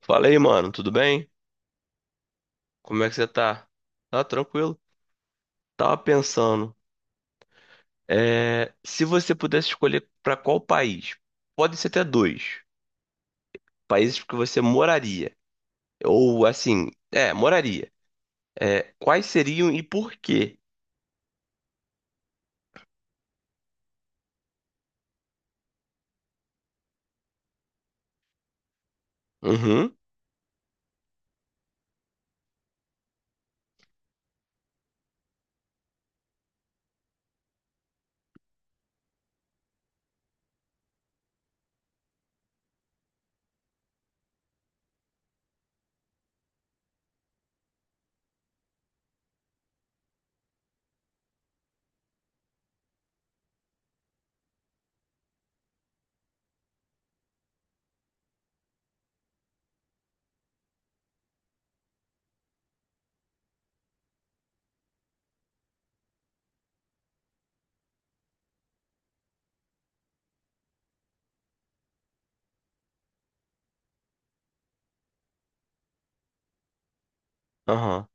Fala aí, mano, tudo bem? Como é que você tá? Tá tranquilo? Tava pensando, se você pudesse escolher pra qual país, pode ser até dois, países que você moraria, ou assim, moraria, quais seriam e por quê? Uhum, aham,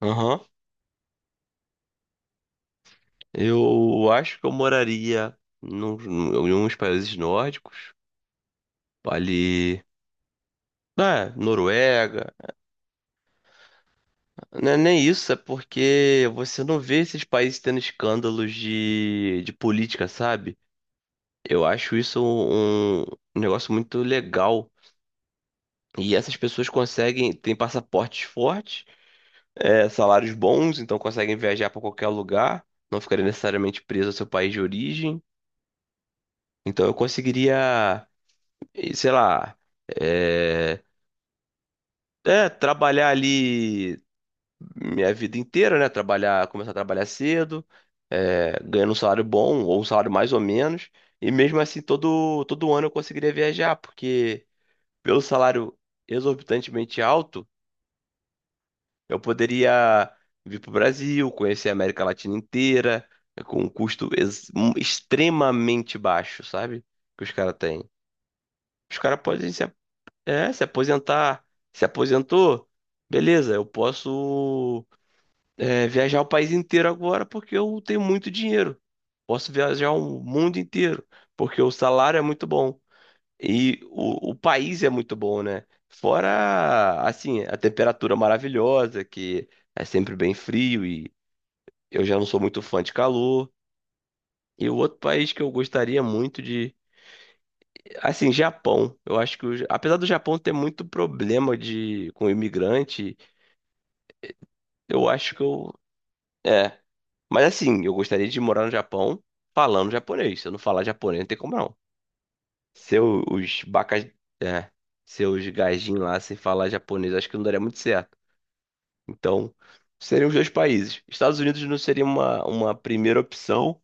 aham. Eu acho que eu moraria num- em uns países nórdicos, ali, né, Noruega. Não é nem isso, é porque você não vê esses países tendo escândalos de política, sabe? Eu acho isso um negócio muito legal. E essas pessoas conseguem, têm passaportes fortes, salários bons, então conseguem viajar para qualquer lugar, não ficarem necessariamente presos ao seu país de origem. Então eu conseguiria, sei lá, é, trabalhar ali minha vida inteira, né? Trabalhar, começar a trabalhar cedo, ganhando um salário bom ou um salário mais ou menos. E mesmo assim, todo ano eu conseguiria viajar, porque pelo salário exorbitantemente alto, eu poderia vir para o Brasil, conhecer a América Latina inteira, com um custo extremamente baixo, sabe? Que os caras têm. Os caras podem se, a- é, se aposentar. Se aposentou, beleza, eu posso, viajar o país inteiro agora porque eu tenho muito dinheiro. Posso viajar o mundo inteiro porque o salário é muito bom e o país é muito bom, né? Fora, assim, a temperatura maravilhosa, que é sempre bem frio e eu já não sou muito fã de calor. E o outro país que eu gostaria muito de, assim, Japão. Eu acho que, apesar do Japão ter muito problema de com imigrante, eu acho que eu, é. Mas assim, eu gostaria de morar no Japão falando japonês. Se eu não falar japonês, não tem como não. Seus os bacas, é, seus gajinhos lá sem falar japonês, acho que não daria muito certo. Então, seriam os dois países. Estados Unidos não seria uma primeira opção.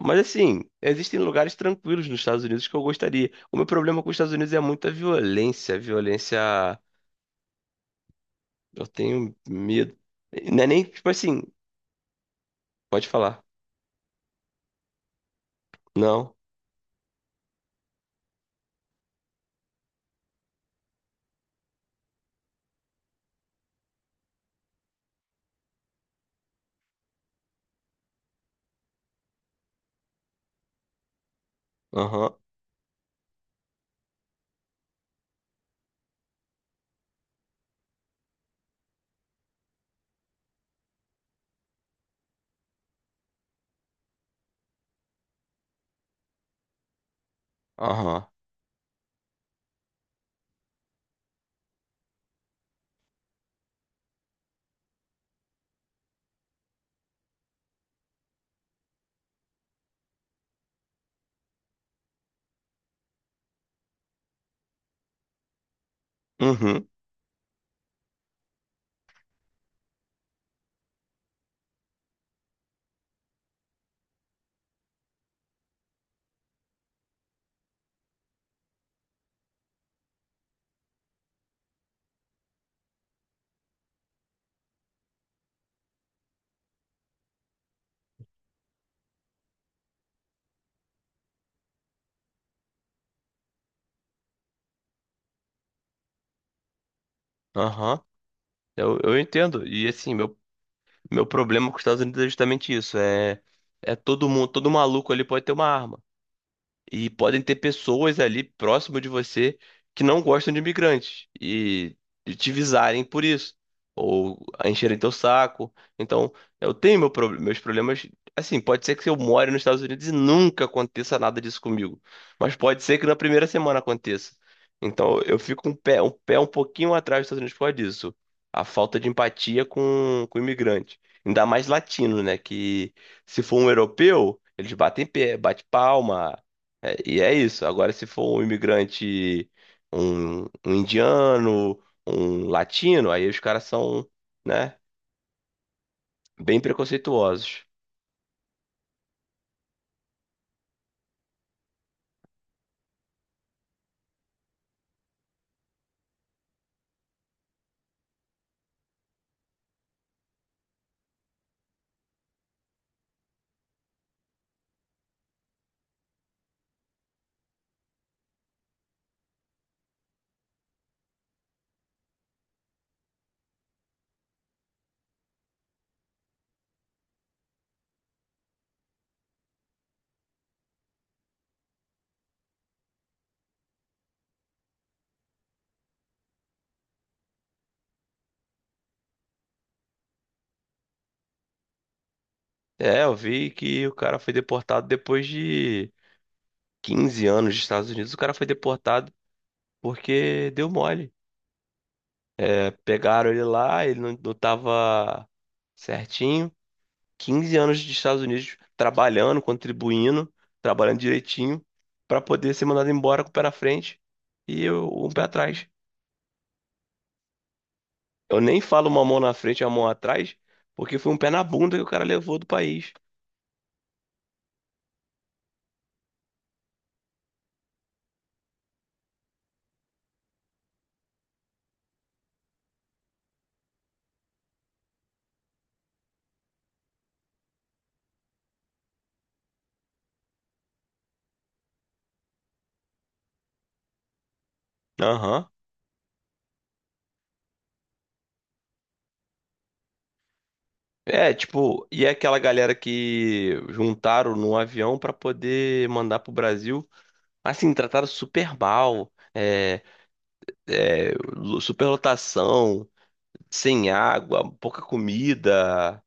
Mas assim, existem lugares tranquilos nos Estados Unidos que eu gostaria. O meu problema com os Estados Unidos é muita violência. Violência. Eu tenho medo. Não é nem, tipo assim, pode falar. Não. Aham. Aham. Uhum. Aham. Eu entendo. E assim, meu problema com os Estados Unidos é justamente isso. É, todo mundo, todo maluco ali pode ter uma arma. E podem ter pessoas ali próximo de você que não gostam de imigrantes e te visarem por isso, ou encherem teu saco. Então, eu tenho meu meus problemas. Assim, pode ser que eu more nos Estados Unidos e nunca aconteça nada disso comigo, mas pode ser que na primeira semana aconteça. Então, eu fico um pé um pouquinho atrás dos Estados Unidos por causa disso. A falta de empatia com o imigrante. Ainda mais latino, né? Que se for um europeu, eles batem pé, bate palma, e é isso. Agora, se for um imigrante, um indiano, um latino, aí os caras são, né, bem preconceituosos. É, eu vi que o cara foi deportado depois de 15 anos dos Estados Unidos. O cara foi deportado porque deu mole. É, pegaram ele lá, ele não tava certinho. 15 anos dos Estados Unidos trabalhando, contribuindo, trabalhando direitinho, para poder ser mandado embora com o pé na frente e um pé atrás. Eu nem falo uma mão na frente e a mão atrás, porque foi um pé na bunda que o cara levou do país. Aham. É, tipo, e é aquela galera que juntaram no avião pra poder mandar pro Brasil, assim, trataram super mal, superlotação, sem água, pouca comida,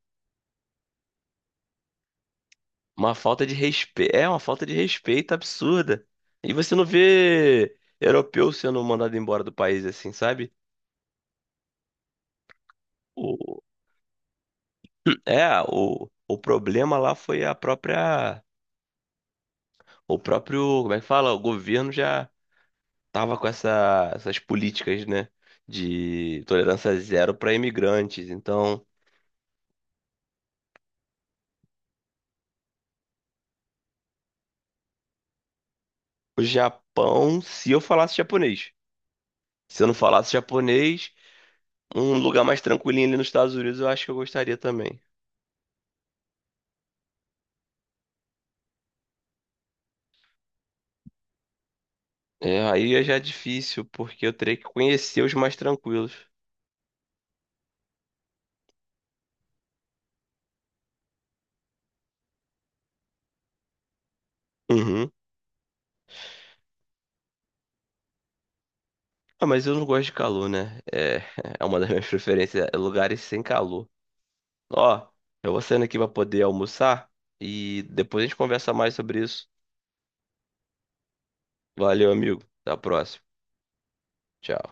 uma falta de respeito, é uma falta de respeito absurda. E você não vê europeu sendo mandado embora do país assim, sabe? É, o problema lá foi a própria, o próprio, como é que fala? O governo já tava com essas políticas, né, de tolerância zero para imigrantes. Então, o Japão, se eu falasse japonês, se eu não falasse japonês, um lugar mais tranquilinho ali nos Estados Unidos, eu acho que eu gostaria também. É, aí é já difícil, porque eu teria que conhecer os mais tranquilos. Uhum. Ah, mas eu não gosto de calor, né? É, é uma das minhas preferências, é lugares sem calor. Ó, eu vou saindo aqui pra poder almoçar e depois a gente conversa mais sobre isso. Valeu, amigo. Até a próxima. Tchau.